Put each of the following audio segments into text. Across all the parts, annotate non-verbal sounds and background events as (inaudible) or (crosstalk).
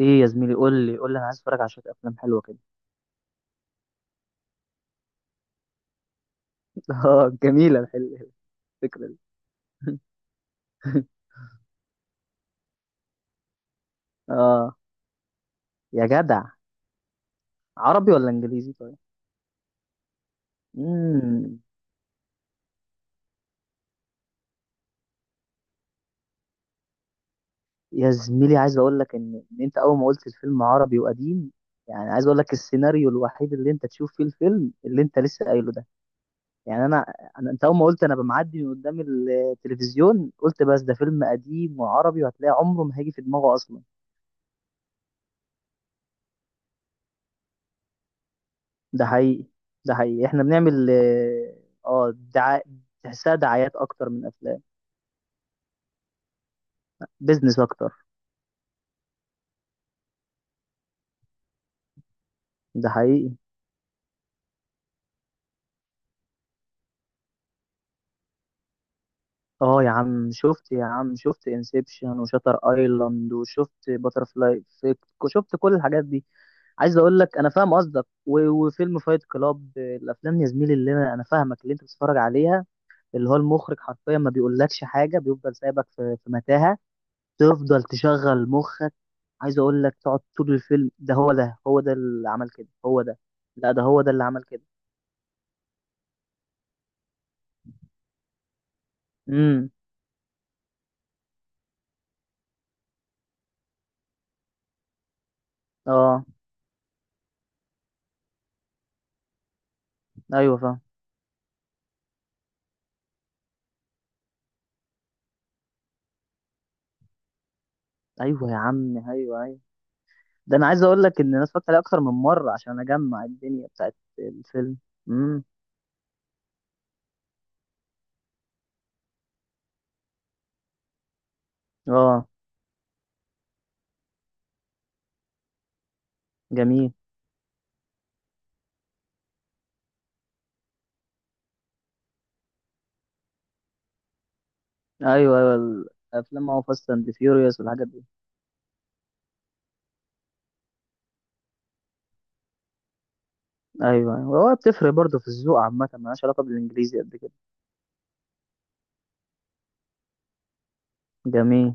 ايه يا زميلي، قول لي. انا عايز اتفرج على شويه افلام حلوه كده. (laughs) اه، جميله الفكره دي. (laughs) اه يا جدع، عربي ولا انجليزي طيب؟ امم يا زميلي، عايز اقول لك ان انت اول ما قلت الفيلم عربي وقديم، يعني عايز اقول لك السيناريو الوحيد اللي انت تشوف فيه الفيلم اللي انت لسه قايله ده. يعني انا انت اول ما قلت انا بمعدي من قدام التلفزيون، قلت بس ده فيلم قديم وعربي، وهتلاقي عمره ما هيجي في دماغه اصلا. ده حقيقي. ده حقيقي، احنا بنعمل آه، دعا... تحسها دعايات اكتر من افلام. بيزنس اكتر. ده حقيقي. اه يا عم شفت، يا عم شفت انسبشن وشاتر ايلاند، وشفت باترفلاي افكت، وشفت كل الحاجات دي. عايز اقول لك انا فاهم قصدك وفيلم فايت كلاب. الافلام يا زميلي اللي انا فاهمك اللي انت بتتفرج عليها، اللي هو المخرج حرفيا ما بيقولكش حاجه، بيفضل سايبك في متاهه، تفضل تشغل مخك. عايز اقول لك تقعد طول الفيلم ده. هو ده، هو ده اللي عمل كده، هو ده. لا، ده هو ده اللي عمل كده. امم اه. ايوه فاهم. ايوه يا عم، ايوه ايوه. ده انا عايز اقول لك ان انا اتفرجت عليه اكتر من مره عشان اجمع الدنيا بتاعت الفيلم. امم اه. جميل. ايوه ايوه. الافلام هو فاست اند فيوريوس والحاجات دي. ايوه ايوه، هو بتفرق برضه في الذوق عامه، مالهاش علاقه بالانجليزي قد كده. جميل.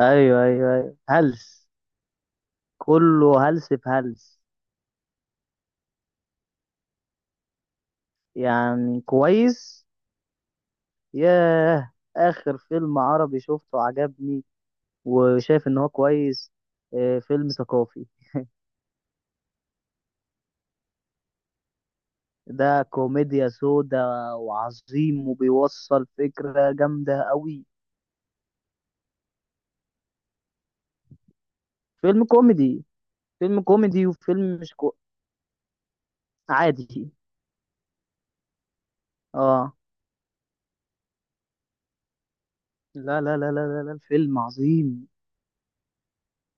ايوه ايوه ايوه، هلس. كله هلس في هلس. يعني كويس. ياه، آخر فيلم عربي شفته عجبني وشايف إن هو كويس، فيلم ثقافي. ده كوميديا سودا، وعظيم، وبيوصل فكرة جامدة قوي. فيلم كوميدي. فيلم كوميدي، وفيلم مش كو... عادي. اه. لا لا لا لا لا لا، الفيلم عظيم.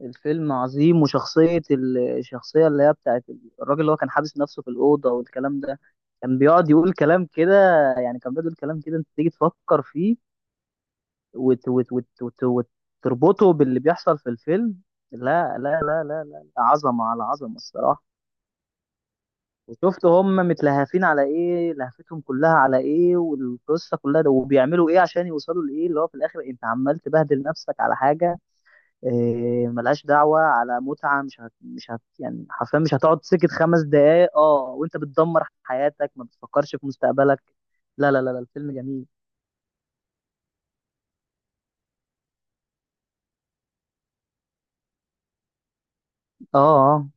الفيلم عظيم، وشخصية الشخصية اللي هي بتاعت الراجل اللي هو كان حابس نفسه في الأوضة والكلام ده. كان بيقعد يقول كلام كده، يعني كان بيقعد يقول كلام كده انت تيجي تفكر فيه وت وت وت وت وتربطه باللي بيحصل في الفيلم. لا لا لا لا لا، عظمة على عظمة الصراحة. وشفت هم متلهفين على ايه، لهفتهم كلها على ايه، والقصة كلها ده، وبيعملوا ايه عشان يوصلوا لايه، اللي هو في الاخر انت عمال تبهدل نفسك على حاجة ملهاش دعوة على متعة. مش هت يعني، حرفيا مش هتقعد سكت 5 دقايق، اه، وانت بتدمر حياتك ما بتفكرش في مستقبلك. لا لا لا لا، الفيلم جميل. اه اه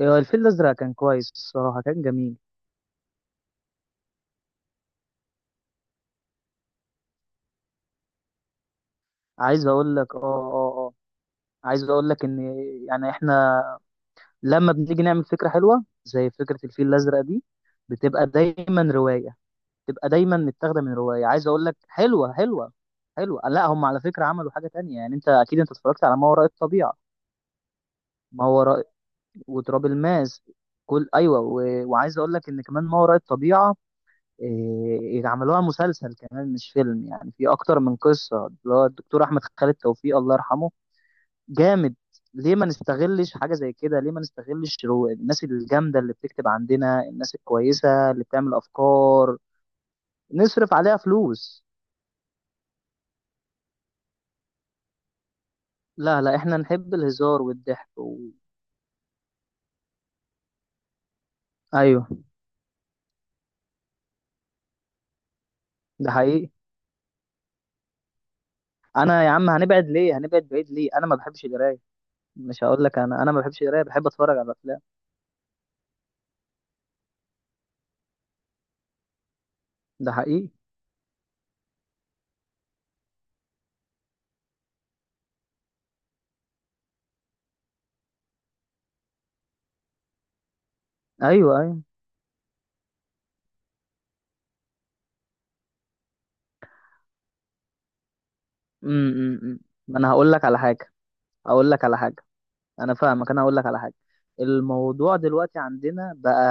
إيه، الفيل الازرق كان كويس الصراحة، كان جميل. عايز اقول لك اه. عايز اقول لك ان يعني احنا لما بنيجي نعمل فكره حلوه زي فكره الفيل الازرق دي، بتبقى دايما روايه. بتبقى دايما متاخده من روايه. عايز اقول لك حلوه. حلوه. لا، هم على فكره عملوا حاجه تانية. يعني انت اكيد انت اتفرجت على ما وراء الطبيعه. ما وراء وتراب الماس، كل ايوه وعايز اقول لك ان كمان ما وراء الطبيعه عملوها مسلسل كمان مش فيلم، يعني في اكتر من قصه، اللي هو الدكتور احمد خالد توفيق، الله يرحمه. جامد. ليه ما نستغلش حاجة زي كده؟ ليه ما نستغلش الناس الجامدة اللي بتكتب عندنا، الناس الكويسة اللي بتعمل أفكار؟ نصرف عليها فلوس. لا لا، احنا نحب الهزار والضحك ايوه. ده حقيقي. انا يا عم هنبعد ليه، هنبعد بعيد ليه؟ انا ما بحبش القراية. مش هقول لك انا، ما بحبش القراية، بحب اتفرج على الافلام. ده حقيقي. ايوه ايوه. أمم، أمم. ما انا هقول لك على حاجة. هقول لك على حاجة. انا فاهمك، انا هقول لك على حاجه. الموضوع دلوقتي عندنا بقى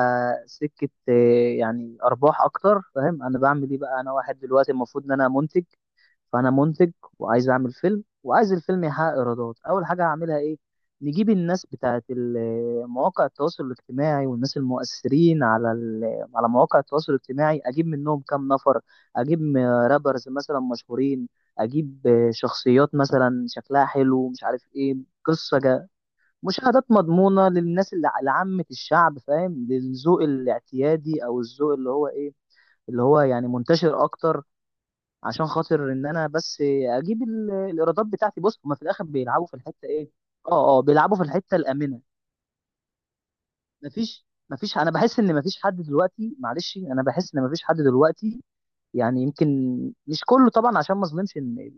سكه، يعني ارباح اكتر، فاهم؟ انا بعمل ايه بقى؟ انا واحد دلوقتي المفروض ان انا منتج، فانا منتج وعايز اعمل فيلم، وعايز الفيلم يحقق ايرادات. اول حاجه هعملها ايه؟ نجيب الناس بتاعت مواقع التواصل الاجتماعي، والناس المؤثرين على على مواقع التواصل الاجتماعي، اجيب منهم كام نفر. اجيب م- رابرز مثلا مشهورين، اجيب شخصيات مثلا شكلها حلو، مش عارف ايه. قصه مشاهدات مضمونة للناس اللي لعامة الشعب، فاهم؟ للذوق الاعتيادي، او الذوق اللي هو ايه، اللي هو يعني منتشر اكتر، عشان خاطر ان انا بس اجيب الايرادات بتاعتي. بص، هما في الاخر بيلعبوا في الحتة ايه؟ اه بيلعبوا في الحتة الامنة. مفيش. انا بحس ان مفيش حد دلوقتي، معلش، انا بحس ان مفيش حد دلوقتي، يعني يمكن مش كله طبعا عشان ما اظلمش ان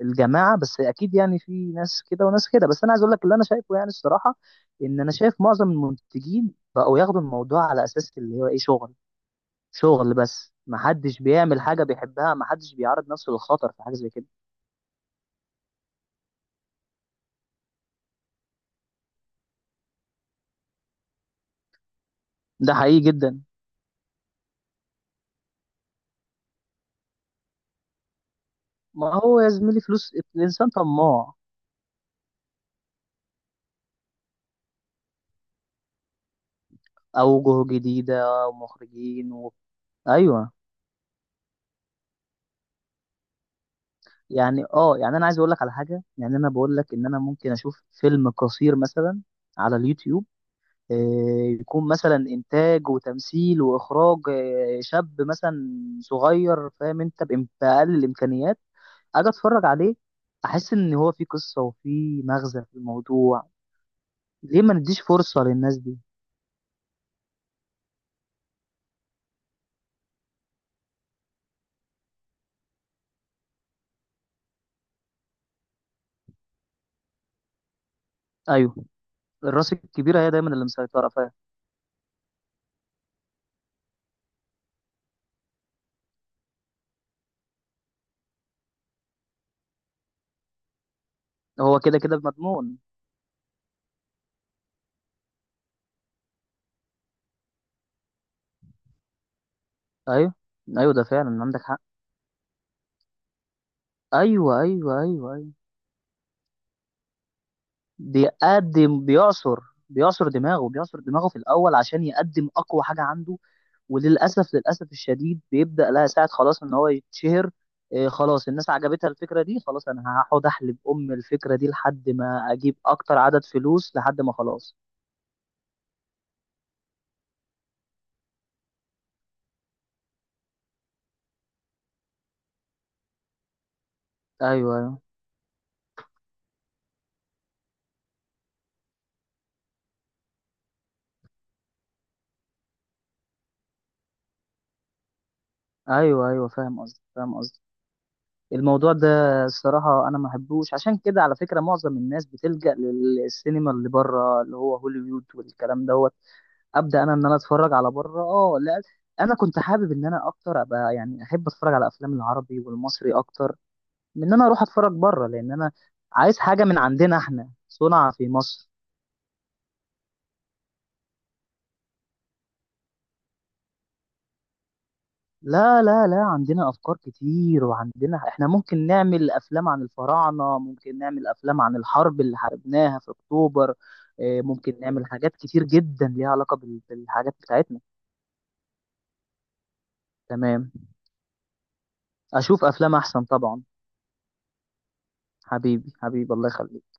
الجماعه، بس اكيد يعني في ناس كده وناس كده، بس انا عايز اقول لك اللي انا شايفه يعني الصراحه، ان انا شايف معظم المنتجين بقوا ياخدوا الموضوع على اساس اللي هو ايه، شغل. شغل بس، ما حدش بيعمل حاجه بيحبها، ما حدش بيعرض نفسه للخطر في حاجه زي كده. ده حقيقي جدا. ما هو يا زميلي فلوس، الانسان طماع. اوجه جديده ومخرجين ايوه. يعني يعني انا عايز اقول لك على حاجه. يعني انا بقول لك ان انا ممكن اشوف فيلم قصير مثلا على اليوتيوب، آه، يكون مثلا انتاج وتمثيل واخراج، شاب مثلا صغير، فاهم؟ انت باقل الامكانيات، اجي اتفرج عليه، احس ان هو في قصه وفي مغزى في الموضوع. ليه ما نديش فرصه للناس دي؟ ايوه. الراس الكبيره هي دايما اللي مسيطره، فاهم. هو كده كده مضمون. ايوه ايوه، ده فعلا عندك حق. ايوه ايوه ايوه ايوه. بيقدم بيعصر. بيعصر دماغه، بيعصر دماغه في الأول عشان يقدم أقوى حاجة عنده. وللأسف، للأسف الشديد، بيبدأ لها ساعة خلاص إن هو يتشهر. إيه، خلاص الناس عجبتها الفكرة دي، خلاص أنا هقعد أحلب أم الفكرة دي لحد ما أجيب أكتر عدد فلوس، لحد ما خلاص. أيوه أيوه أيوه أيوه، فاهم قصدي، فاهم قصدي. الموضوع ده الصراحة أنا ما بحبوش، عشان كده على فكرة معظم الناس بتلجأ للسينما اللي بره، اللي هو هوليوود والكلام ده. ابدا، انا انا اتفرج على بره، اه لا. انا كنت حابب ان انا اكتر ابقى يعني احب اتفرج على افلام العربي والمصري اكتر من ان انا اروح اتفرج بره، لان انا عايز حاجه من عندنا، احنا صنع في مصر. لا لا لا، عندنا افكار كتير، وعندنا احنا ممكن نعمل افلام عن الفراعنه، ممكن نعمل افلام عن الحرب اللي حاربناها في اكتوبر، إيه، ممكن نعمل حاجات كتير جدا ليها علاقه بالحاجات بتاعتنا. تمام. اشوف افلام احسن طبعا. حبيبي، حبيبي، الله يخليك.